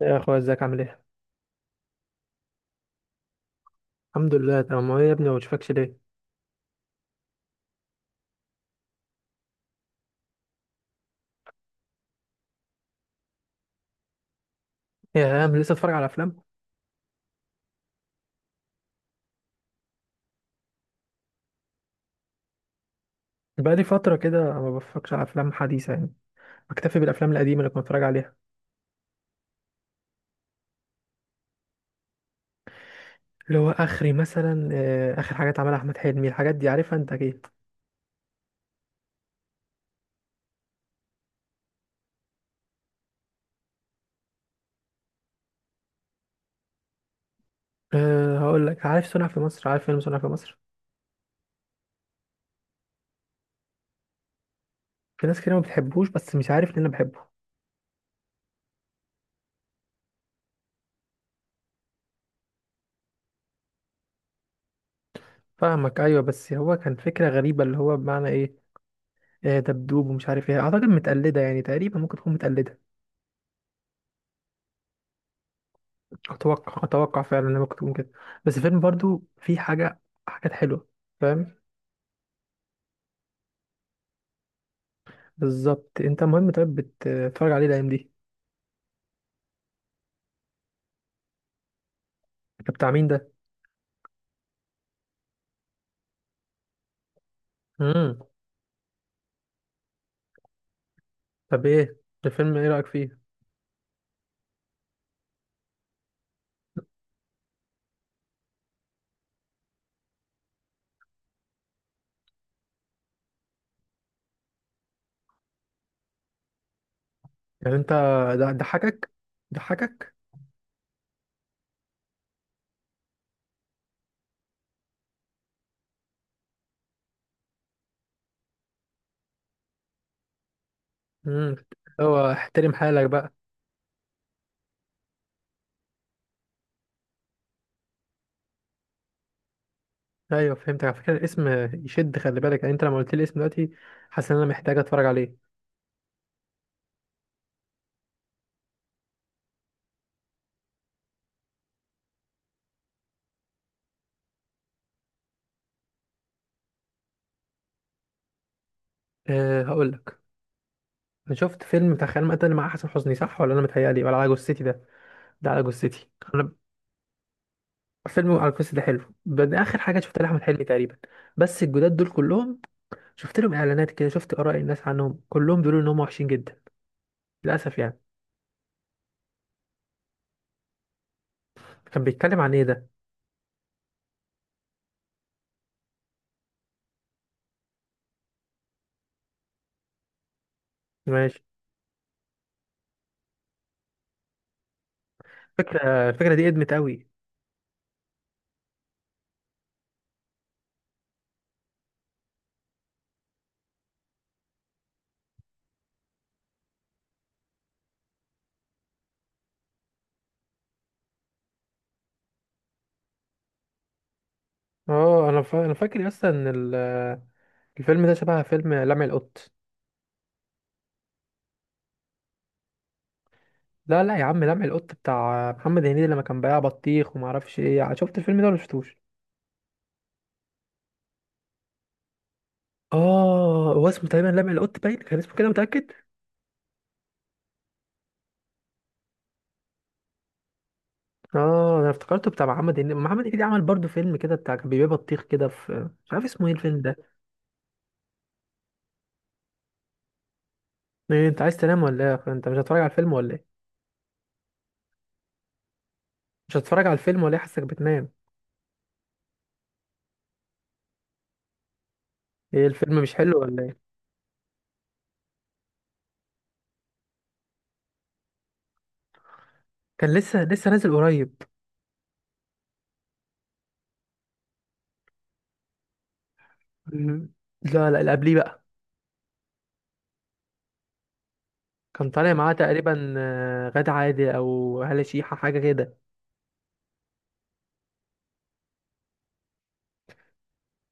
يا اخويا، ازيك؟ عامل ايه؟ الحمد لله تمام. هو إيه يا ابني، ما بشوفكش ليه؟ إيه يا عم، لسه اتفرج على افلام؟ بقالي فتره كده ما بفكرش على افلام حديثه يعني. بكتفي بالافلام القديمه اللي كنت بتفرج عليها. اللي هو اخري مثلا اخر حاجات عملها احمد حلمي، الحاجات دي عارفها انت اكيد. أه، هقول لك، عارف صنع في مصر؟ عارف فيلم صنع في مصر؟ في ناس كتير ما بتحبوش، بس مش عارف ان انا بحبه. فاهمك، ايوه، بس هو كان فكره غريبه، اللي هو بمعنى ايه؟ دبدوب ومش عارف ايه، اعتقد متقلده يعني، تقريبا ممكن تكون متقلده. اتوقع فعلا ان ممكن تكون كده. بس الفيلم برضو فيه حاجه، حاجات حلوه، فاهم؟ بالظبط. انت مهم، طيب بتتفرج عليه الايام دي؟ طب بتاع مين ده؟ امم. طب ايه الفيلم، ايه رايك فيه؟ يعني انت ده ضحكك؟ ضحكك؟ امم. هو احترم حالك بقى. ايوه، فهمتك. على فكره الاسم يشد، خلي بالك، يعني انت لما قلت لي الاسم دلوقتي، حاسس ان انا محتاج اتفرج عليه. أه، هقول لك. انا شفت فيلم بتاع خيال مآتة اللي مع حسن حسني، صح ولا انا متهيألي؟ ولا على جثتي ده؟ ده على جثتي. فيلم على القصة ده حلو، بس اخر حاجه شفتها لاحمد حلمي تقريبا. بس الجداد دول كلهم، شفت لهم اعلانات كده، شفت اراء الناس عنهم، كلهم بيقولوا ان هم وحشين جدا للاسف يعني. كان بيتكلم عن ايه ده؟ ماشي. فكره الفكره دي ادمت قوي. اه، انا انا فاكر اصلا ان الفيلم ده شبه فيلم لمع القط. لا لا يا عم، لمع القط بتاع محمد هنيدي لما كان بياع بطيخ، وما اعرفش ايه. شفت الفيلم ده ولا شفتوش؟ اه، هو اسمه تقريبا لمع القط باين، كان اسمه كده، متاكد. اه، انا افتكرته بتاع محمد هنيدي. محمد هنيدي عمل برضو فيلم كده بتاع كان بيبيع بطيخ كده في، مش عارف اسمه ايه الفيلم ده. إيه، انت عايز تنام ولا ايه؟ انت مش هتتفرج على الفيلم ولا ايه؟ مش هتتفرج على الفيلم ولا ايه؟ حاسك بتنام. ايه، الفيلم مش حلو ولا ايه؟ كان لسه لسه نازل قريب. مم. لا لا، اللي قبليه بقى. كان طالع معاه تقريبا غادة عادل او هالة شيحة حاجة كده.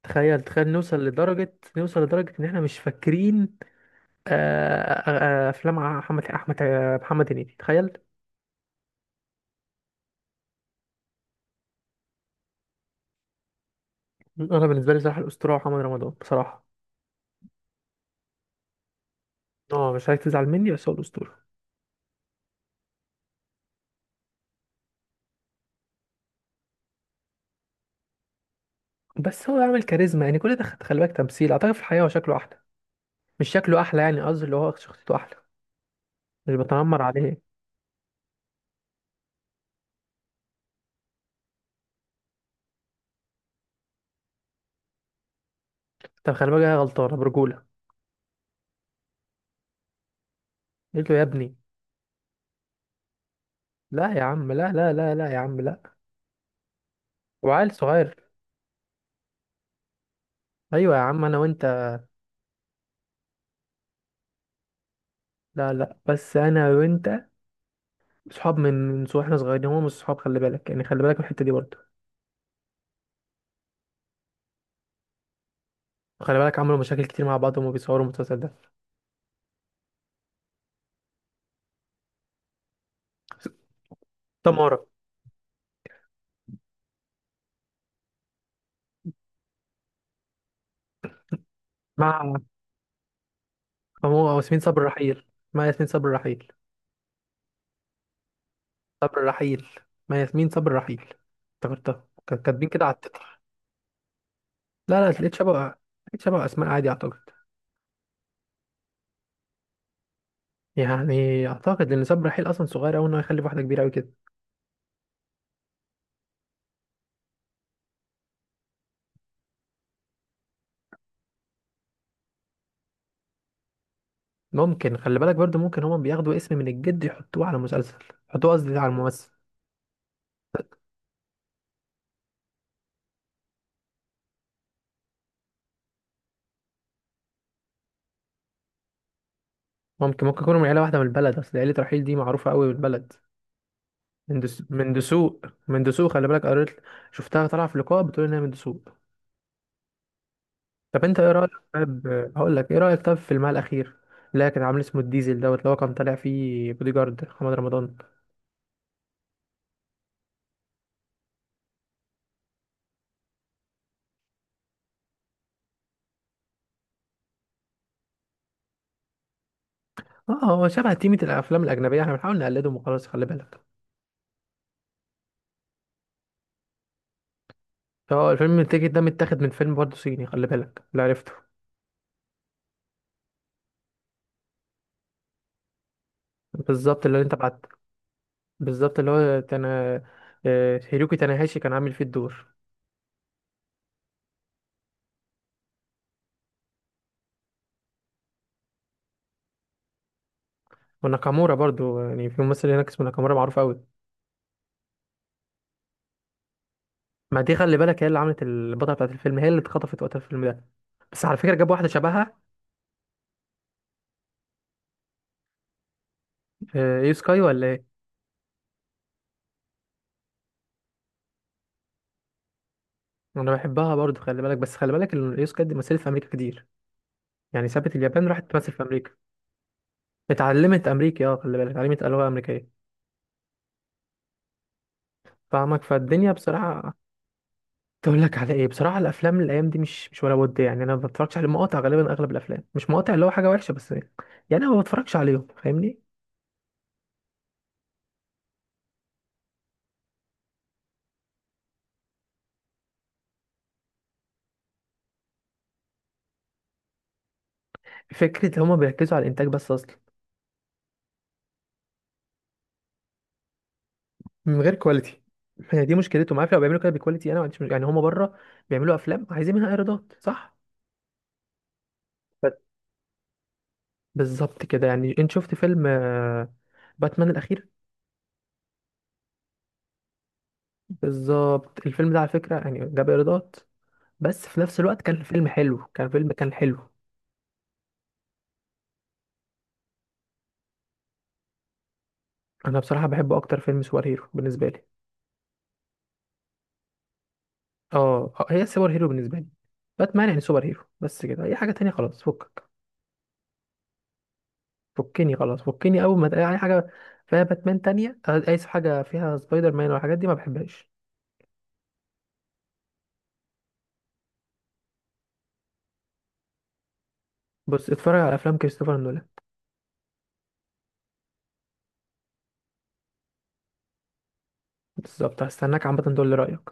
تخيل، تخيل نوصل لدرجة، نوصل لدرجة ان احنا مش فاكرين. آه، افلام احمد احمد آه، محمد هنيدي، تخيل. انا بالنسبة لي صراحة الاسطورة محمد رمضان بصراحة. اه، مش عايز تزعل مني، بس هو الاسطوره. بس هو عامل كاريزما يعني، كل ده خلي بالك، تمثيل اعتقد في الحقيقه هو شكله احلى. مش شكله احلى، يعني قصدي اللي هو شخصيته احلى. مش بتنمر عليه. طب خلي بالك، هي غلطانه برجوله. قلت له يا ابني. لا يا عم، لا، لا، لا، لا يا عم، لا. وعيل صغير. ايوه يا عم، انا وانت. لا لا، بس انا وانت صحاب من واحنا صغيرين. هم مش صحاب، خلي بالك يعني، خلي بالك من الحته دي برضه. خلي بالك، عملوا مشاكل كتير مع بعض وهم بيصوروا المسلسل ده. تمارا. مع. هو ياسمين صبري رحيل. مع ياسمين صبري رحيل. صبر رحيل. ما ياسمين صبر رحيل. افتكرتها كانت كاتبين كده على التتر. لا، لا، لقيت شبه. لقيت شبه اسماء، عادي اعتقد. يعني اعتقد ان صبر رحيل اصلا صغير قوي انه يخلف واحده كبيره قوي كده. ممكن، خلي بالك برضو ممكن هما بياخدوا اسم من الجد يحطوه على مسلسل، يحطوه قصدي على الممثل. ممكن يكونوا من عيله واحده من البلد، اصل عيله رحيل دي معروفه قوي من البلد. من من دسوق، من دسوق، خلي بالك قريت، شفتها طالعه في لقاء بتقول انها من دسوق. طب انت ايه رايك طيب؟ هقول لك، ايه رايك طيب في المال الاخير اللي كان عامل اسمه الديزل دوت، اللي هو كان طالع فيه بودي جارد محمد رمضان؟ اه، هو شبه تيمة الافلام الاجنبيه، احنا بنحاول نقلدهم وخلاص، خلي بالك. هو الفيلم التيكت ده متاخد من فيلم برضه صيني، خلي بالك اللي عرفته. بالظبط اللي انت بعت. بالظبط، اللي هو تانا. اه، هيروكي تاناهاشي كان عامل فيه الدور. وناكامورا برضه، يعني في ممثل هناك اسمه ناكامورا معروف قوي. ما دي خلي بالك، هي اللي عملت البطله بتاعت الفيلم، هي اللي اتخطفت وقت الفيلم ده. بس على فكره جاب واحده شبهها. اه، يو سكاي ولا ايه؟ انا بحبها برضه، خلي بالك، بس خلي بالك ان اليوسكا دي مثلت في امريكا كتير، يعني سابت اليابان راحت تمثل في امريكا. اتعلمت امريكي، اه، خلي بالك اتعلمت لغه امريكيه. فاهمك، فالدنيا بصراحه. تقول لك على ايه بصراحه؟ الافلام الايام دي مش ولا ود يعني، انا ما بتفرجش على مقاطع غالبا، اغلب الافلام مش مقاطع اللي هو حاجه وحشه بس يعني. انا ما بتفرجش عليهم، فاهمني. فكره هما بيركزوا على الانتاج بس اصلا، من غير كواليتي. هي دي مشكلتهم، عارف؟ لو بيعملوا كده بكواليتي انا ما عنديش يعني، هما بره بيعملوا افلام عايزين منها ايرادات، صح؟ بالظبط كده، يعني انت شفت فيلم باتمان الاخير؟ بالظبط، الفيلم ده على فكره يعني جاب ايرادات، بس في نفس الوقت كان فيلم حلو، كان فيلم كان حلو. انا بصراحه بحبه اكتر فيلم سوبر هيرو بالنسبه لي. اه، هي السوبر هيرو بالنسبه لي. باتمان يعني سوبر هيرو، بس كده اي حاجه تانية خلاص. فكك فكني خلاص فكني اول ما تلاقي اي حاجه فيها باتمان تانية، اي حاجه فيها سبايدر مان والحاجات دي ما بحبهاش. بص، اتفرج على افلام كريستوفر نولان. بالظبط، هستناك عامه تقول لي رايك.